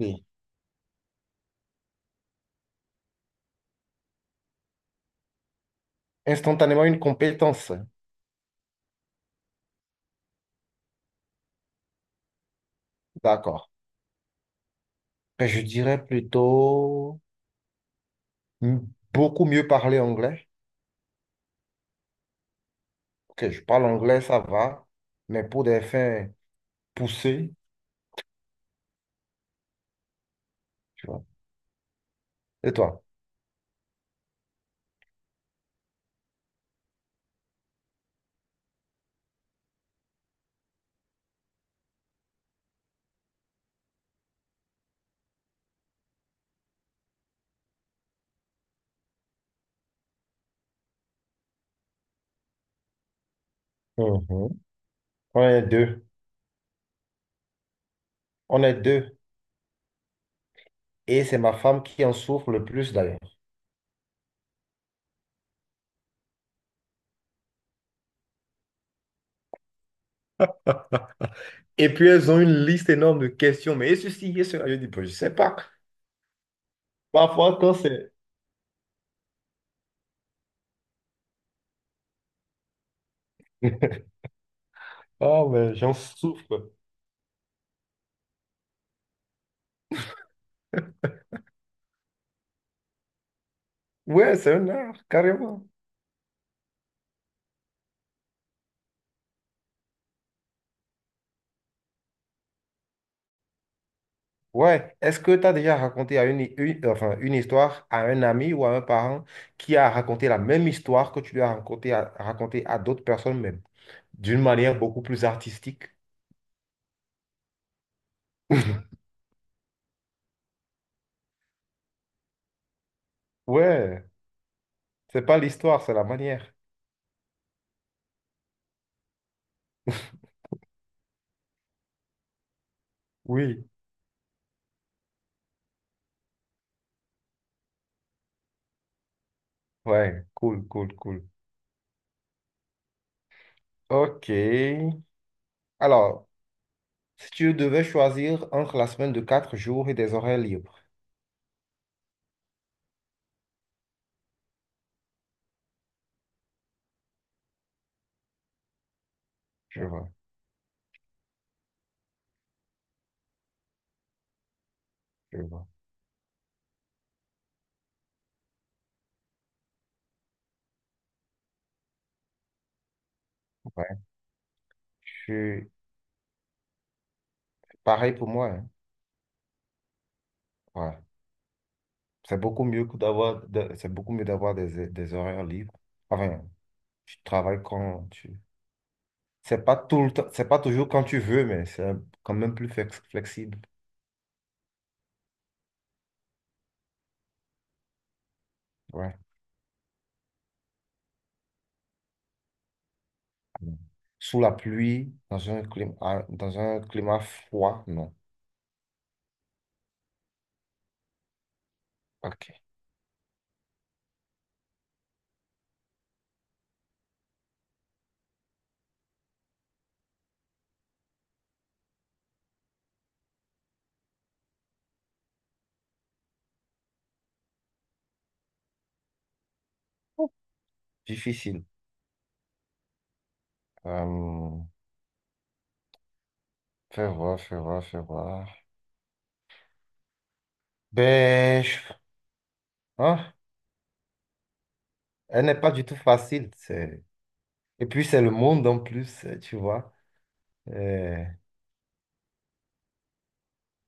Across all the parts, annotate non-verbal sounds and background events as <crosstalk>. Oui. Instantanément une compétence. D'accord. Ben, je dirais plutôt m- beaucoup mieux parler anglais. Ok, je parle anglais, ça va, mais pour des fins poussées, tu vois. Et toi? Mhm. On est deux. On est deux. Et c'est ma femme qui en souffre le plus d'ailleurs. <laughs> Et puis elles ont une liste énorme de questions, mais et ceci, et cela, je dis, ben, je sais pas. Parfois, quand c'est... <laughs> Ah, mais j'en souffre. Ouais, c'est un art, carrément. Ouais, est-ce que tu as déjà raconté à enfin, une histoire à un ami ou à un parent qui a raconté la même histoire que tu lui as raconté à d'autres personnes, mais d'une manière beaucoup plus artistique? <laughs> Ouais, c'est pas l'histoire, c'est la manière. <laughs> Oui, ouais, cool, cool, cool. Ok. Alors, si tu devais choisir entre la semaine de 4 jours et des horaires libres, je vois, je vois. Ouais, je suis pareil pour moi, hein. Ouais. C'est beaucoup mieux que c'est beaucoup mieux d'avoir des horaires libres. Enfin, tu travailles quand tu. C'est pas tout le temps, c'est pas toujours quand tu veux, mais c'est quand même plus flexible. Ouais. Sous la pluie, dans un climat froid, non. Ok. Difficile. Euh, fais voir, fais voir, fais voir. Ben, je- hein, elle n'est pas du tout facile. Et puis, c'est le monde en plus, tu vois. Euh,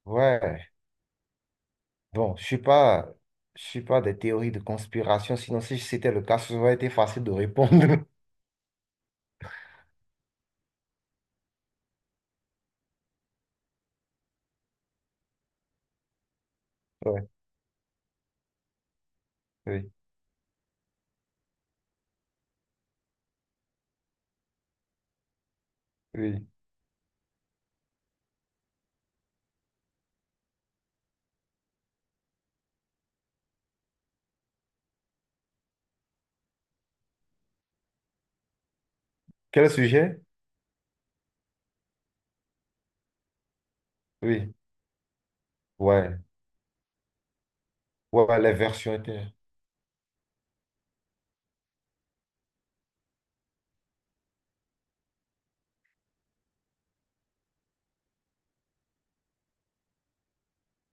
ouais. Bon, je suis pas des théories de conspiration, sinon si c'était le cas, ça aurait été facile de répondre. <laughs> Ouais, oui, oui. Quel sujet? Oui, ouais, ouais, ouais, les versions étaient.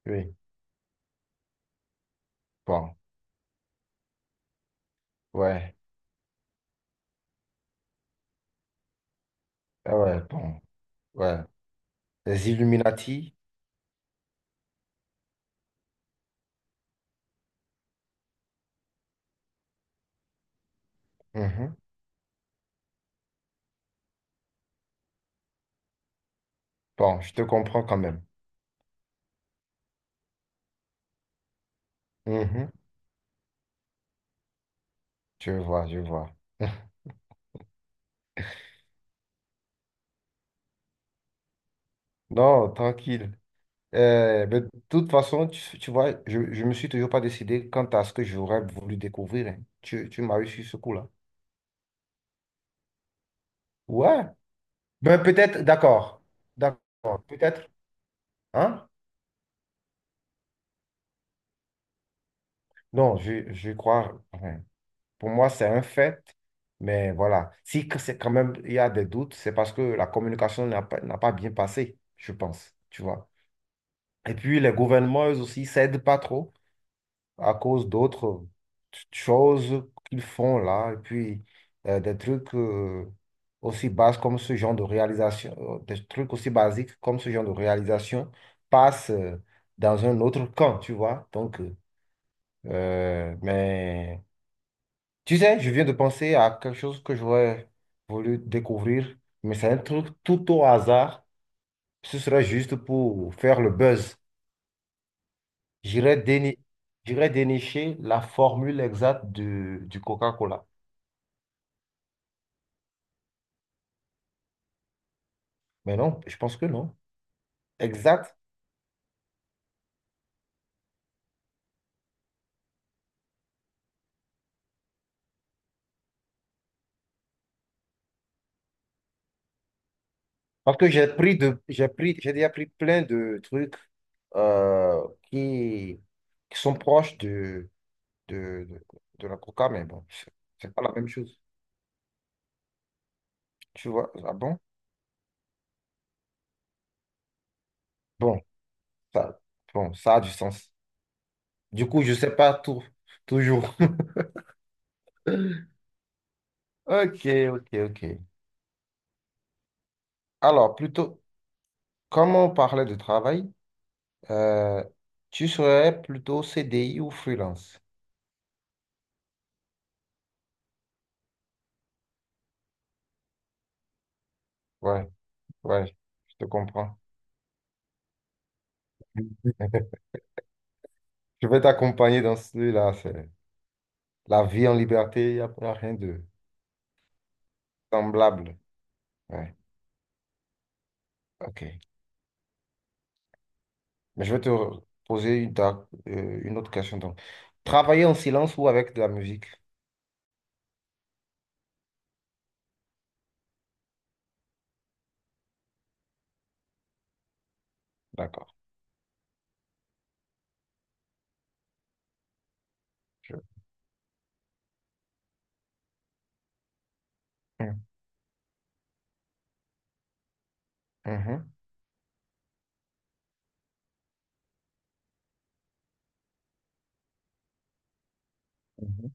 Oui, bon, ouais, ah ouais, bon, ouais. Les Illuminati? Mhm. Bon, je te comprends quand même. Mhm. Je vois, je vois. <laughs> Non, tranquille. Mais de toute façon, tu vois, je ne me suis toujours pas décidé quant à ce que j'aurais voulu découvrir, hein. Tu m'as eu sur ce coup-là. Ouais. Ben, peut-être, d'accord. D'accord. Peut-être. Hein? Non, je crois, enfin, pour moi, c'est un fait. Mais voilà. Si que c'est quand même il y a des doutes, c'est parce que la communication n'a pas bien passé, je pense. Tu vois. Et puis les gouvernements, eux aussi, s'aident pas trop, à cause d'autres choses qu'ils font là, et puis des trucs, aussi bas comme ce genre de réalisation, des trucs aussi basiques comme ce genre de réalisation passent dans un autre camp, tu vois. Donc, mais tu sais, je viens de penser à quelque chose que j'aurais voulu découvrir, mais c'est un truc tout au hasard. Ce serait juste pour faire le buzz. J'irais déni- j'irais dénicher la formule exacte du Coca-Cola. Mais non, je pense que non. Exact. Parce que j'ai déjà pris plein de trucs euh, qui, qui sont proches de, de, de la coca, mais bon, c'est pas la même chose. Tu vois? Ah bon? Bon, ça, bon, ça a du sens. Du coup, je sais pas tout, toujours. <laughs> Ok, ok, ok. Alors, plutôt, comme on parlait de travail, euh, tu serais plutôt CDI ou freelance? Ouais, ouais, je te comprends. <laughs> Je vais t'accompagner dans celui-là. C'est la vie en liberté, y a rien de semblable. Ouais, ok. Mais je vais te poser une autre question. Donc, travailler en silence ou avec de la musique? D'accord. Je- Mhm, mhm, mhm.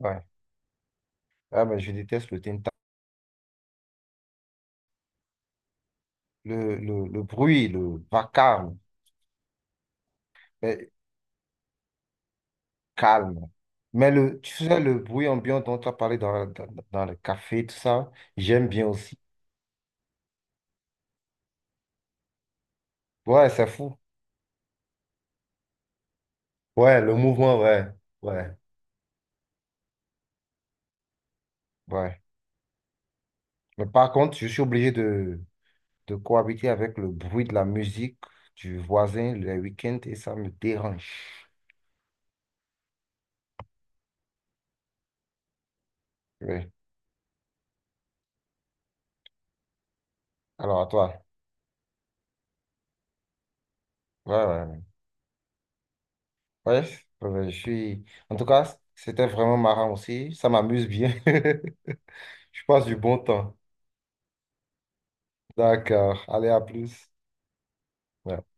Ouais. Ah, mais je déteste le tinta. Le bruit, le vacarme, mais calme. Mais le, tu sais, le bruit ambiant dont tu as parlé dans le café, tout ça, j'aime bien aussi. Ouais, c'est fou. Ouais, le mouvement, ouais. Ouais. Ouais. Mais par contre, je suis obligé de cohabiter avec le bruit de la musique du voisin le week-end et ça me dérange. Ouais. Alors à toi. Ouais, ouais, ouais. Ouais, je suis... En tout cas, c'était vraiment marrant aussi. Ça m'amuse bien. <laughs> Je passe du bon temps. D'accord. Allez, à plus. Ouais.